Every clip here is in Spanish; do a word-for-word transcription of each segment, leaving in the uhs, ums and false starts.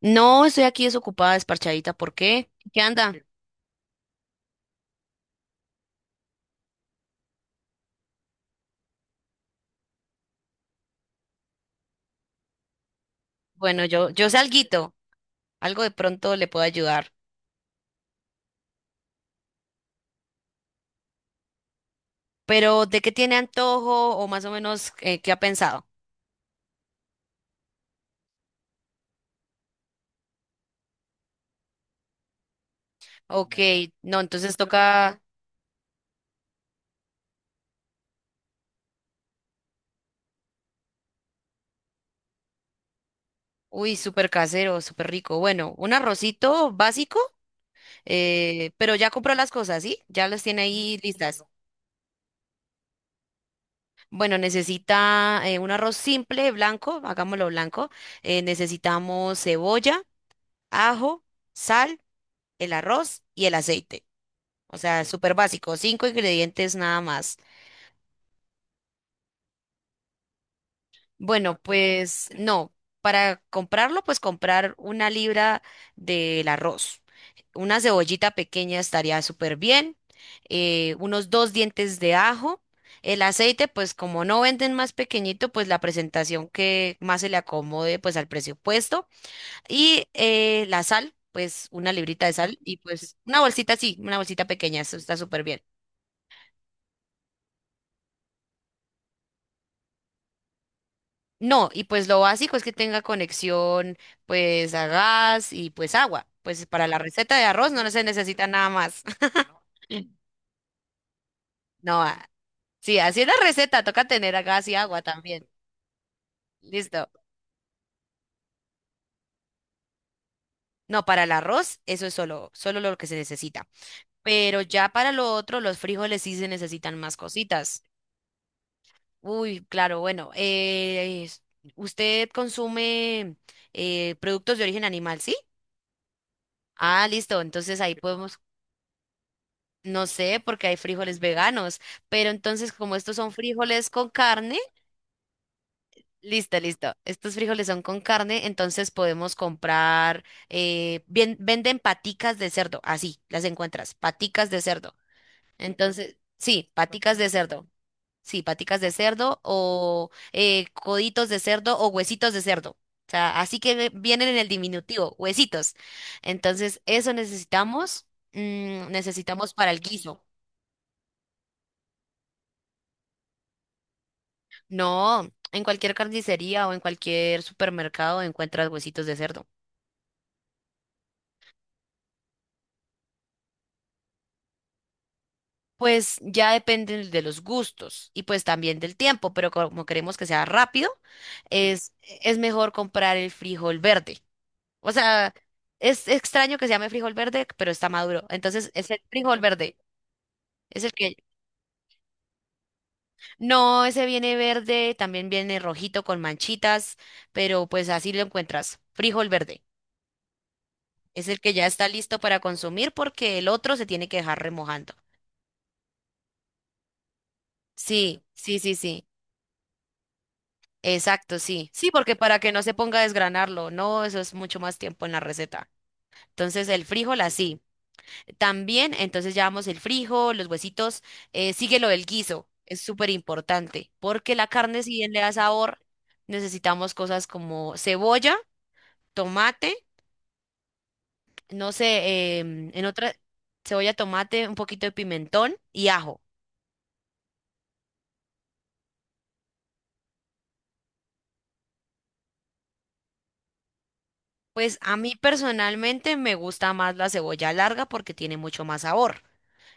No, estoy aquí desocupada, desparchadita. ¿Por qué? ¿Qué anda? Bueno, yo, yo sé alguito, algo de pronto le puedo ayudar. Pero, ¿de qué tiene antojo o más o menos eh, qué ha pensado? Ok, no, entonces toca, uy, súper casero, súper rico. Bueno, un arrocito básico, eh, pero ya compró las cosas, ¿sí? Ya las tiene ahí listas. Bueno, necesita eh, un arroz simple, blanco, hagámoslo blanco. Eh, necesitamos cebolla, ajo, sal, el arroz y el aceite. O sea, súper básico, cinco ingredientes nada más. Bueno, pues no, para comprarlo, pues comprar una libra del arroz. Una cebollita pequeña estaría súper bien. eh, unos dos dientes de ajo. El aceite, pues como no venden más pequeñito, pues la presentación que más se le acomode, pues al presupuesto. Y eh, la sal, pues una librita de sal y pues una bolsita, sí, una bolsita pequeña, eso está súper bien. No, y pues lo básico es que tenga conexión pues a gas y pues agua. Pues para la receta de arroz no se necesita nada más. No, ah, sí, así es la receta, toca tener a gas y agua también. Listo. No, para el arroz eso es solo, solo lo que se necesita. Pero ya para lo otro, los frijoles sí se necesitan más cositas. Uy, claro, bueno, eh, es- ¿usted consume eh, productos de origen animal, sí? Ah, listo, entonces ahí podemos. No sé, porque hay frijoles veganos, pero entonces como estos son frijoles con carne, listo, listo. Estos frijoles son con carne, entonces podemos comprar, eh, bien- venden paticas de cerdo, así las encuentras, paticas de cerdo. Entonces, sí, paticas de cerdo, sí, paticas de cerdo o eh, coditos de cerdo o huesitos de cerdo. O sea, así que ve- vienen en el diminutivo, huesitos. Entonces, eso necesitamos, mm, necesitamos para el guiso. No, en cualquier carnicería o en cualquier supermercado encuentras huesitos de cerdo. Pues ya depende de los gustos y pues también del tiempo, pero como queremos que sea rápido, es, es mejor comprar el frijol verde. O sea, es extraño que se llame frijol verde, pero está maduro. Entonces, es el frijol verde. Es el que... No, ese viene verde, también viene rojito con manchitas, pero pues así lo encuentras. Frijol verde. Es el que ya está listo para consumir porque el otro se tiene que dejar remojando. Sí, sí, sí, sí. Exacto, sí. Sí, porque para que no se ponga a desgranarlo, no, eso es mucho más tiempo en la receta. Entonces el frijol así. También, entonces llevamos el frijol, los huesitos, eh, sigue lo del guiso. Es súper importante porque la carne, si bien le da sabor, necesitamos cosas como cebolla, tomate, no sé, em, en otra, cebolla, tomate, un poquito de pimentón y ajo. Pues a mí personalmente me gusta más la cebolla larga porque tiene mucho más sabor.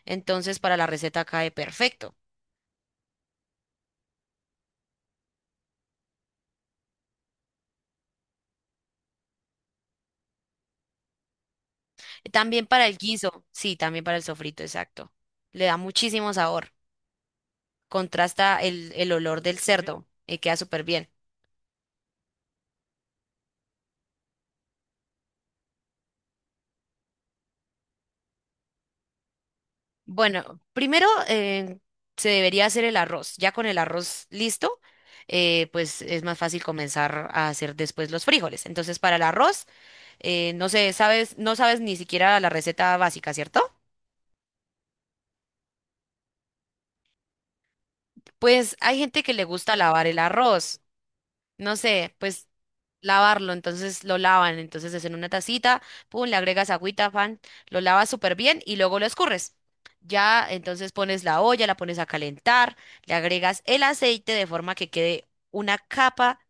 Entonces para la receta cae perfecto. También para el guiso, sí, también para el sofrito, exacto. Le da muchísimo sabor. Contrasta el, el olor del cerdo y queda súper bien. Bueno, primero eh, se debería hacer el arroz. Ya con el arroz listo, eh, pues es más fácil comenzar a hacer después los frijoles. Entonces para el arroz, eh, no sé, sabes, no sabes ni siquiera la receta básica, ¿cierto? Pues hay gente que le gusta lavar el arroz, no sé, pues lavarlo, entonces lo lavan, entonces es en una tacita, pum, le agregas agüita, pan, lo lavas súper bien y luego lo escurres. Ya, entonces pones la olla, la pones a calentar, le agregas el aceite de forma que quede una capa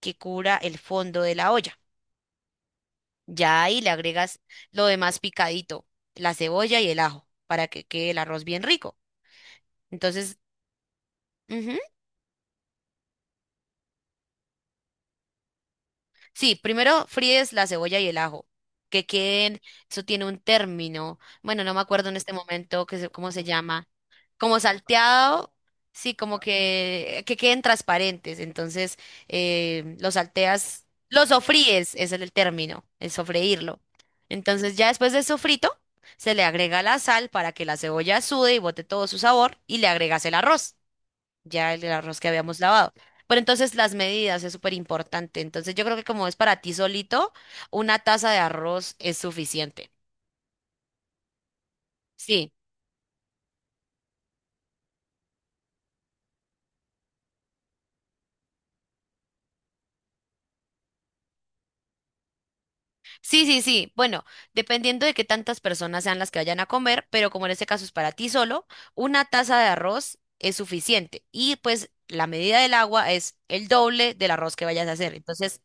que cubra el fondo de la olla. Ya ahí le agregas lo demás picadito, la cebolla y el ajo, para que quede el arroz bien rico. Entonces, ujú. Sí, primero fríes la cebolla y el ajo, que queden, eso tiene un término, bueno, no me acuerdo en este momento que se- cómo se llama, como salteado, sí, como que, que queden transparentes, entonces eh, los salteas, los sofríes, ese es el término, el sofreírlo. Entonces ya después del sofrito, se le agrega la sal para que la cebolla sude y bote todo su sabor y le agregas el arroz ya el arroz que habíamos lavado. Pero entonces las medidas es súper importante. Entonces yo creo que como es para ti solito, una taza de arroz es suficiente. Sí, sí, sí, sí. Bueno, dependiendo de qué tantas personas sean las que vayan a comer, pero como en este caso es para ti solo, una taza de arroz es suficiente. Y pues la medida del agua es el doble del arroz que vayas a hacer. Entonces,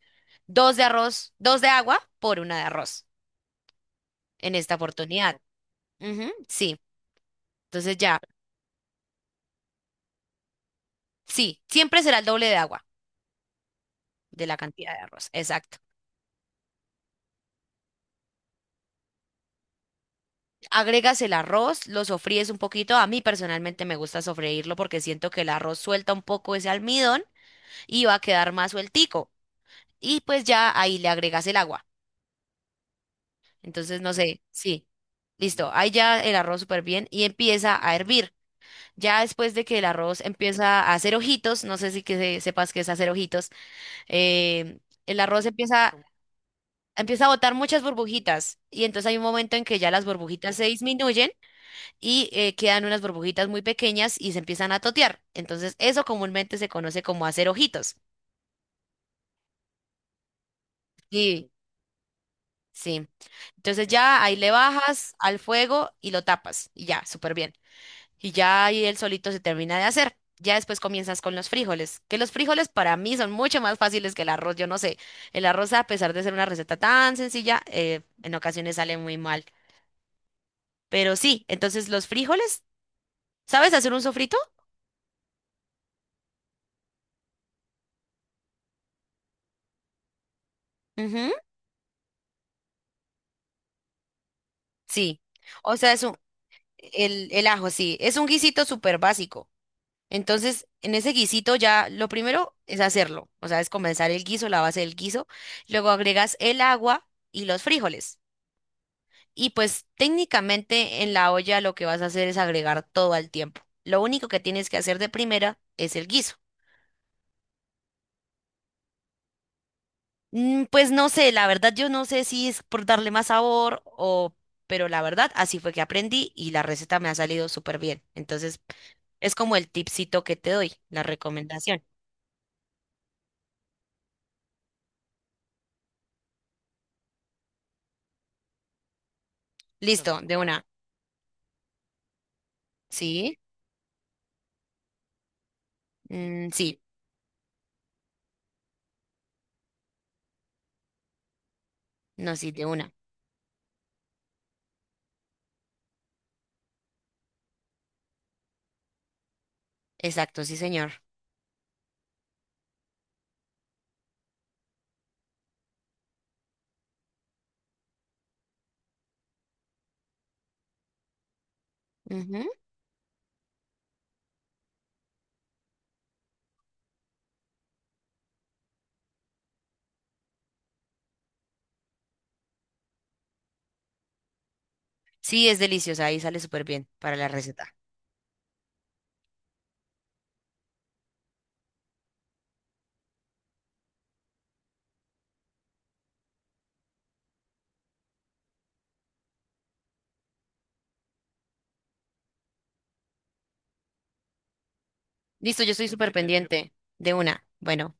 dos de arroz, dos de agua por una de arroz en esta oportunidad. Ujú, sí, entonces ya, sí, siempre será el doble de agua. De la cantidad de arroz. Exacto. Agregas el arroz, lo sofríes un poquito. A mí personalmente me gusta sofreírlo porque siento que el arroz suelta un poco ese almidón y va a quedar más sueltico. Y pues ya ahí le agregas el agua. Entonces, no sé, sí. Listo, ahí ya el arroz súper bien y empieza a hervir. Ya después de que el arroz empieza a hacer ojitos, no sé si que se- sepas qué es hacer ojitos, eh, el arroz empieza, empieza a botar muchas burbujitas y entonces hay un momento en que ya las burbujitas se disminuyen y eh, quedan unas burbujitas muy pequeñas y se empiezan a totear. Entonces, eso comúnmente se conoce como hacer ojitos. Sí. Sí. Entonces ya ahí le bajas al fuego y lo tapas y ya, súper bien. Y ya ahí el solito se termina de hacer. Ya después comienzas con los frijoles, que los frijoles para mí son mucho más fáciles que el arroz. Yo no sé, el arroz a pesar de ser una receta tan sencilla, eh, en ocasiones sale muy mal. Pero sí, entonces los frijoles, ¿sabes hacer un sofrito? Ujú. Sí. O sea, es un, El, el ajo, sí. Es un guisito súper básico. Entonces, en ese guisito ya lo primero es hacerlo. O sea, es comenzar el guiso, la base del guiso. Luego agregas el agua y los frijoles. Y pues técnicamente en la olla lo que vas a hacer es agregar todo al tiempo. Lo único que tienes que hacer de primera es el guiso. Mm, pues no sé, la verdad yo no sé si es por darle más sabor o... Pero la verdad, así fue que aprendí y la receta me ha salido súper bien. Entonces, es como el tipcito que te doy, la recomendación. Listo, de una. Sí, mm, sí, no, sí, de una. Exacto, sí, señor. Ujú. Sí, es deliciosa, ahí sale súper bien para la receta. Listo, yo estoy súper pendiente. De una. Bueno,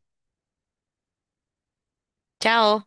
chao.